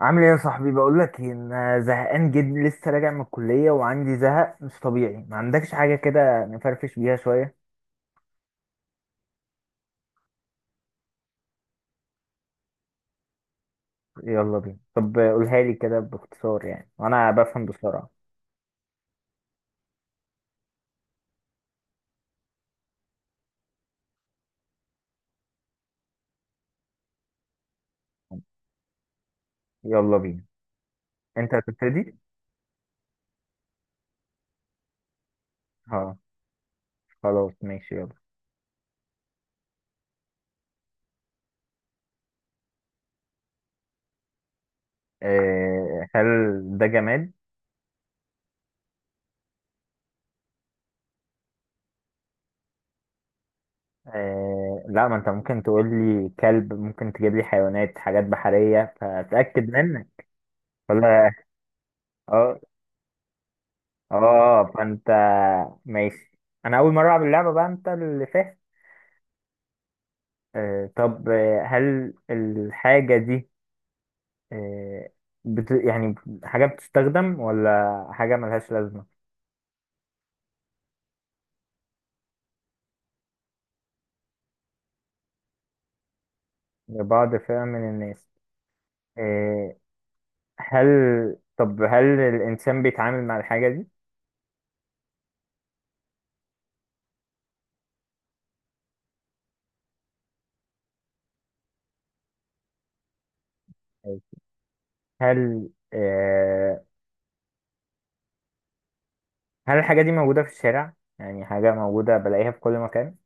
عامل ايه يا صاحبي؟ بقول لك ان زهقان جدا، لسه راجع من الكليه وعندي زهق مش طبيعي. ما عندكش حاجه كده نفرفش بيها شويه؟ يلا بينا، طب قولها لي كده باختصار يعني، وانا بفهم بسرعه. يلا بينا، انت هتبتدي؟ اه، خلاص ماشي، يلا. أه، هل ده جماد؟ أه لا، ما انت ممكن تقول لي كلب، ممكن تجيب لي حيوانات، حاجات بحريه، فاتاكد منك. ولا. اه. اه فانت ماشي. انا اول مره العب اللعبه بقى، انت اللي فاهم. طب، هل الحاجة دي، آه، يعني حاجة بتستخدم ولا حاجة ملهاش لازمة؟ لبعض فئة من الناس. آه، هل طب هل الإنسان بيتعامل مع الحاجة دي؟ هل آه، هل الحاجة دي موجودة في الشارع، يعني حاجة موجودة بلاقيها في كل مكان؟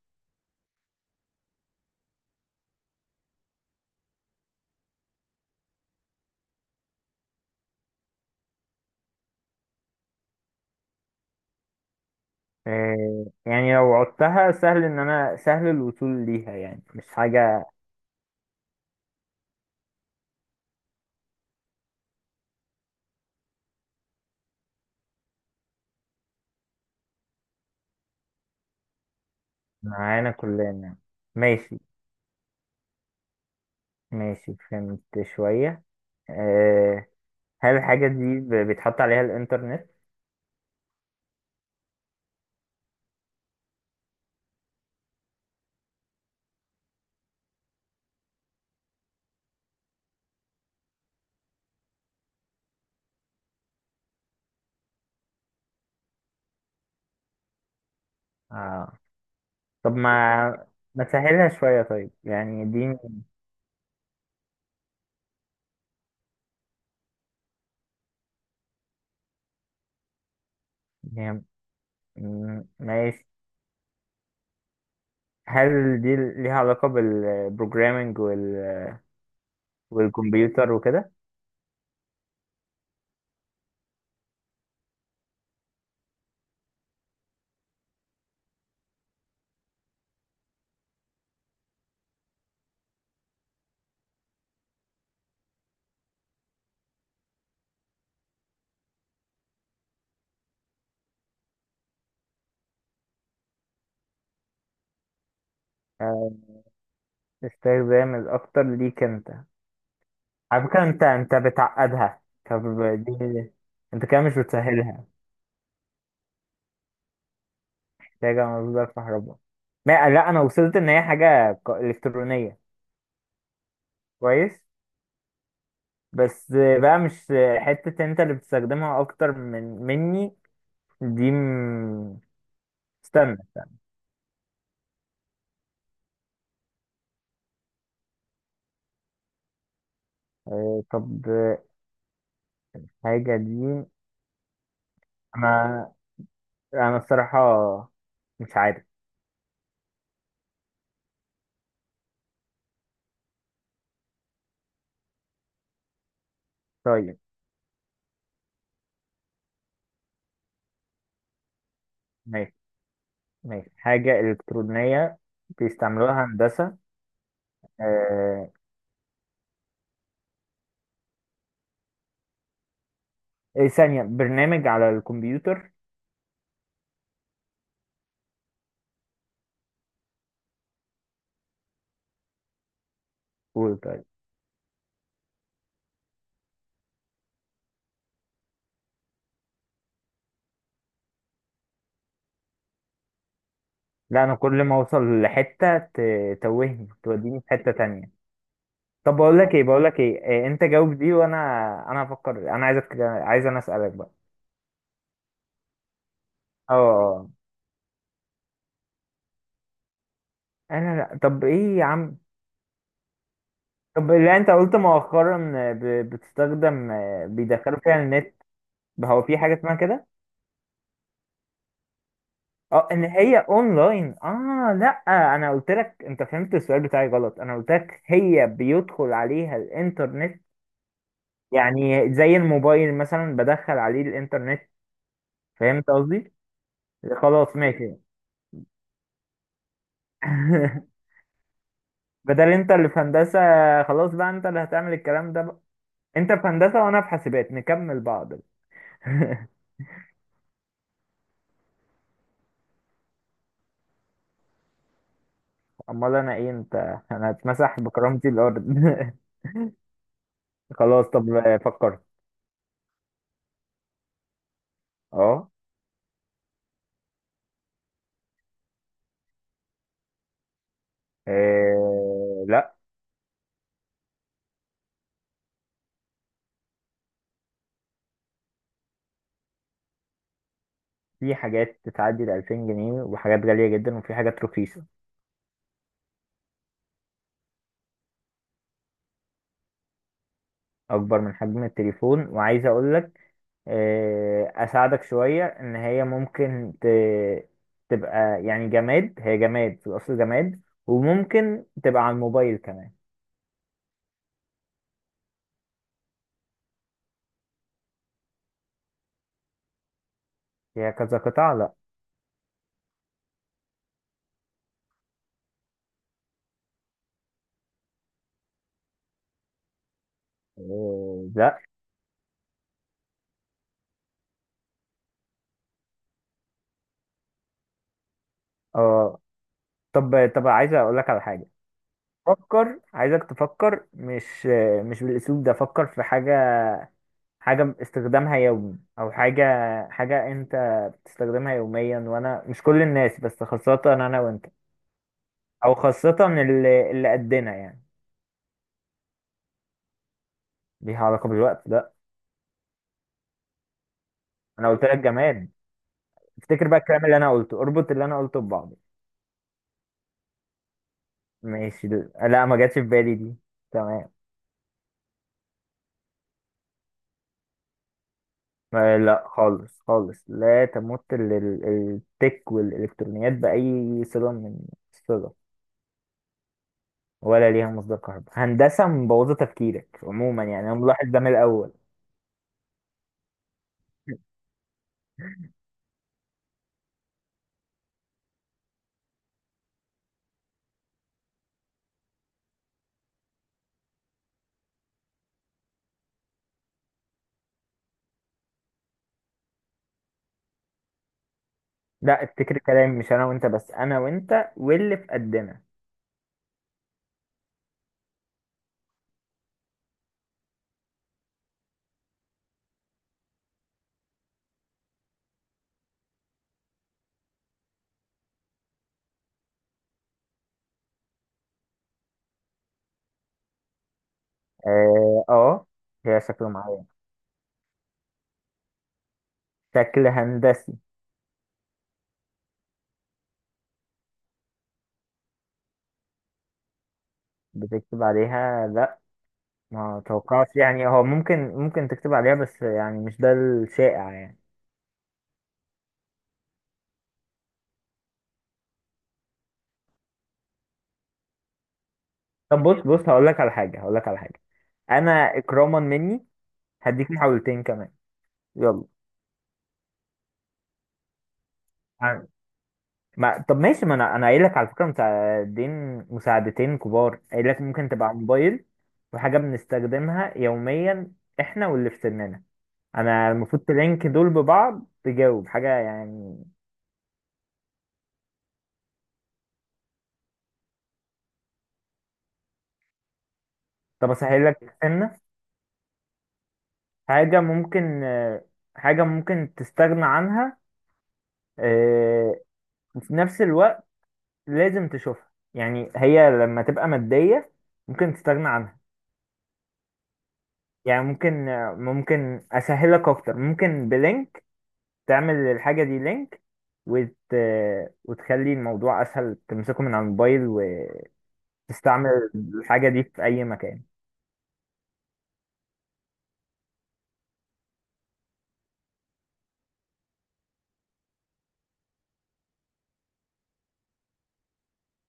يعني لو عدتها سهل إن أنا سهل الوصول ليها، يعني مش حاجة. معانا كلنا. ماشي، ماشي فهمت. شوية. آه، هل الحاجة دي بيتحط عليها الإنترنت؟ آه. طب، ما تسهلها شوية طيب، يعني دي هي- ماشي. هل دي ليها علاقة بالبروجرامينج والكمبيوتر وكده؟ آه، استخدام الأكتر ليك أنت. على فكرة، أنت بتعقدها. طب دي، أنت كده مش بتسهلها. محتاجة مصدر كهرباء. ما لا، أنا وصلت إن هي حاجة إلكترونية. كويس؟ بس بقى مش حتة، انت اللي بتستخدمها اكتر من مني. دي استنى. طب حاجة دي. انا انا الصراحة مش عارف. طيب ماشي، ماشي حاجة إلكترونية. بيستعملوها هندسة. آه، ايه ثانية، برنامج على الكمبيوتر؟ قول طيب. لا، انا كل ما اوصل لحتة توهني توديني في حتة تانية. طب بقول لك ايه، انت جاوب دي وانا. انا هفكر، انا عايز انا اسالك بقى. اه. آه. انا لا، طب ايه يا عم؟ طب لا، انت قلت مؤخرا، بتستخدم، بيدخلوا فيها النت. هو في حاجه اسمها كده؟ اه، ان هي اونلاين. اه لا، انا قلت لك، انت فهمت السؤال بتاعي غلط. انا قلت لك هي بيدخل عليها الانترنت. يعني زي الموبايل مثلا، بدخل عليه الانترنت. فهمت قصدي؟ خلاص ماشي. بدل انت اللي في هندسة، خلاص بقى انت اللي هتعمل الكلام ده بقى. انت في هندسة وانا في حاسبات، نكمل بعض. امال انا ايه؟ انت انا هتمسح بكرامتي الارض. خلاص طب، فكرت. اه. إيه، لا. في حاجات تتعدي ال 2000 جنيه، وحاجات غالية جدا وفي حاجات رخيصة. أكبر من حجم التليفون، وعايز أقول لك، أساعدك شوية إن هي ممكن تبقى يعني جماد، هي جماد في الأصل جماد، وممكن تبقى على الموبايل كمان. هي كذا قطعة؟ لا. لا اه، طب عايز اقول لك على حاجة. فكر، عايزك تفكر مش مش بالاسلوب ده. فكر في حاجة، حاجة استخدامها يومي، او حاجة، انت بتستخدمها يوميا، وانا مش كل الناس بس خاصة انا وانت، او خاصة اللي قدنا يعني. ليها علاقة بالوقت؟ لا. انا قلت لك جماد. افتكر بقى الكلام اللي انا قلته، اربط اللي انا قلته ببعضه. ماشي، لا ما جاتش في بالي دي. تمام. لا خالص خالص، لا تمت التك والالكترونيات باي صله من الصله. ولا ليها مصدر كهرباء. هندسه مبوظه تفكيرك عموما يعني، انا ملاحظ ده من الاول. لا، افتكر كلامي، مش انا وانت بس، انا وانت واللي في قدنا. اه هي شكل معين، شكل هندسي. بتكتب عليها؟ لا. ما اتوقعش يعني، هو ممكن تكتب عليها، بس يعني مش ده الشائع يعني. طب بص بص، هقول لك على حاجه. انا اكراما مني هديك محاولتين كمان، يلا. عن- ما... طب ماشي، ما انا قايل لك على فكره مساعدين، مساعدتين كبار، قايل لك ممكن تبقى موبايل. وحاجه بنستخدمها يوميا، احنا واللي في سننا. انا المفروض تلينك دول ببعض، تجاوب حاجه يعني. طب اسهل لك سنه، حاجه ممكن آه، حاجه ممكن تستغنى عنها، آه، وفي نفس الوقت لازم تشوفها، يعني هي لما تبقى ماديه ممكن تستغنى عنها. يعني ممكن اسهلك اكتر، ممكن بلينك تعمل الحاجه دي لينك، وت... وتخلي الموضوع اسهل، تمسكه من على الموبايل وتستعمل الحاجه دي في اي مكان.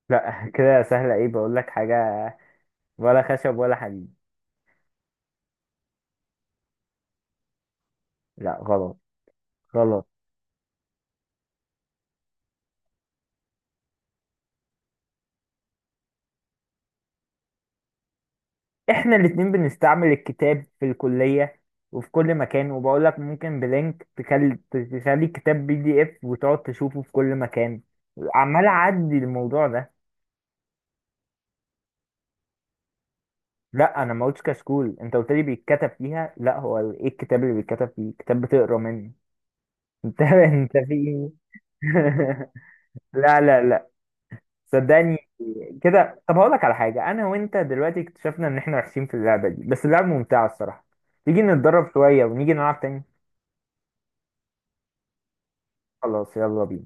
لا كده سهله، ايه بقول لك حاجه، ولا خشب ولا حديد. لا غلط، غلط. احنا الاتنين بنستعمل الكتاب في الكليه وفي كل مكان، وبقول لك ممكن بلينك تخلي الكتاب بي دي اف وتقعد تشوفه في كل مكان. عمال اعدي الموضوع ده. لا، انا ما قلتش كشكول، انت قلت لي بيتكتب فيها. لا، هو ايه الكتاب اللي بيتكتب فيه؟ كتاب بتقرا منه. انت انت في ايه؟ لا لا لا، صدقني. كده طب هقول لك على حاجه، انا وانت دلوقتي اكتشفنا ان احنا وحشين في اللعبه دي، بس اللعبه ممتعه الصراحه. تيجي نتدرب شويه ونيجي نلعب تاني؟ خلاص، يلا بينا.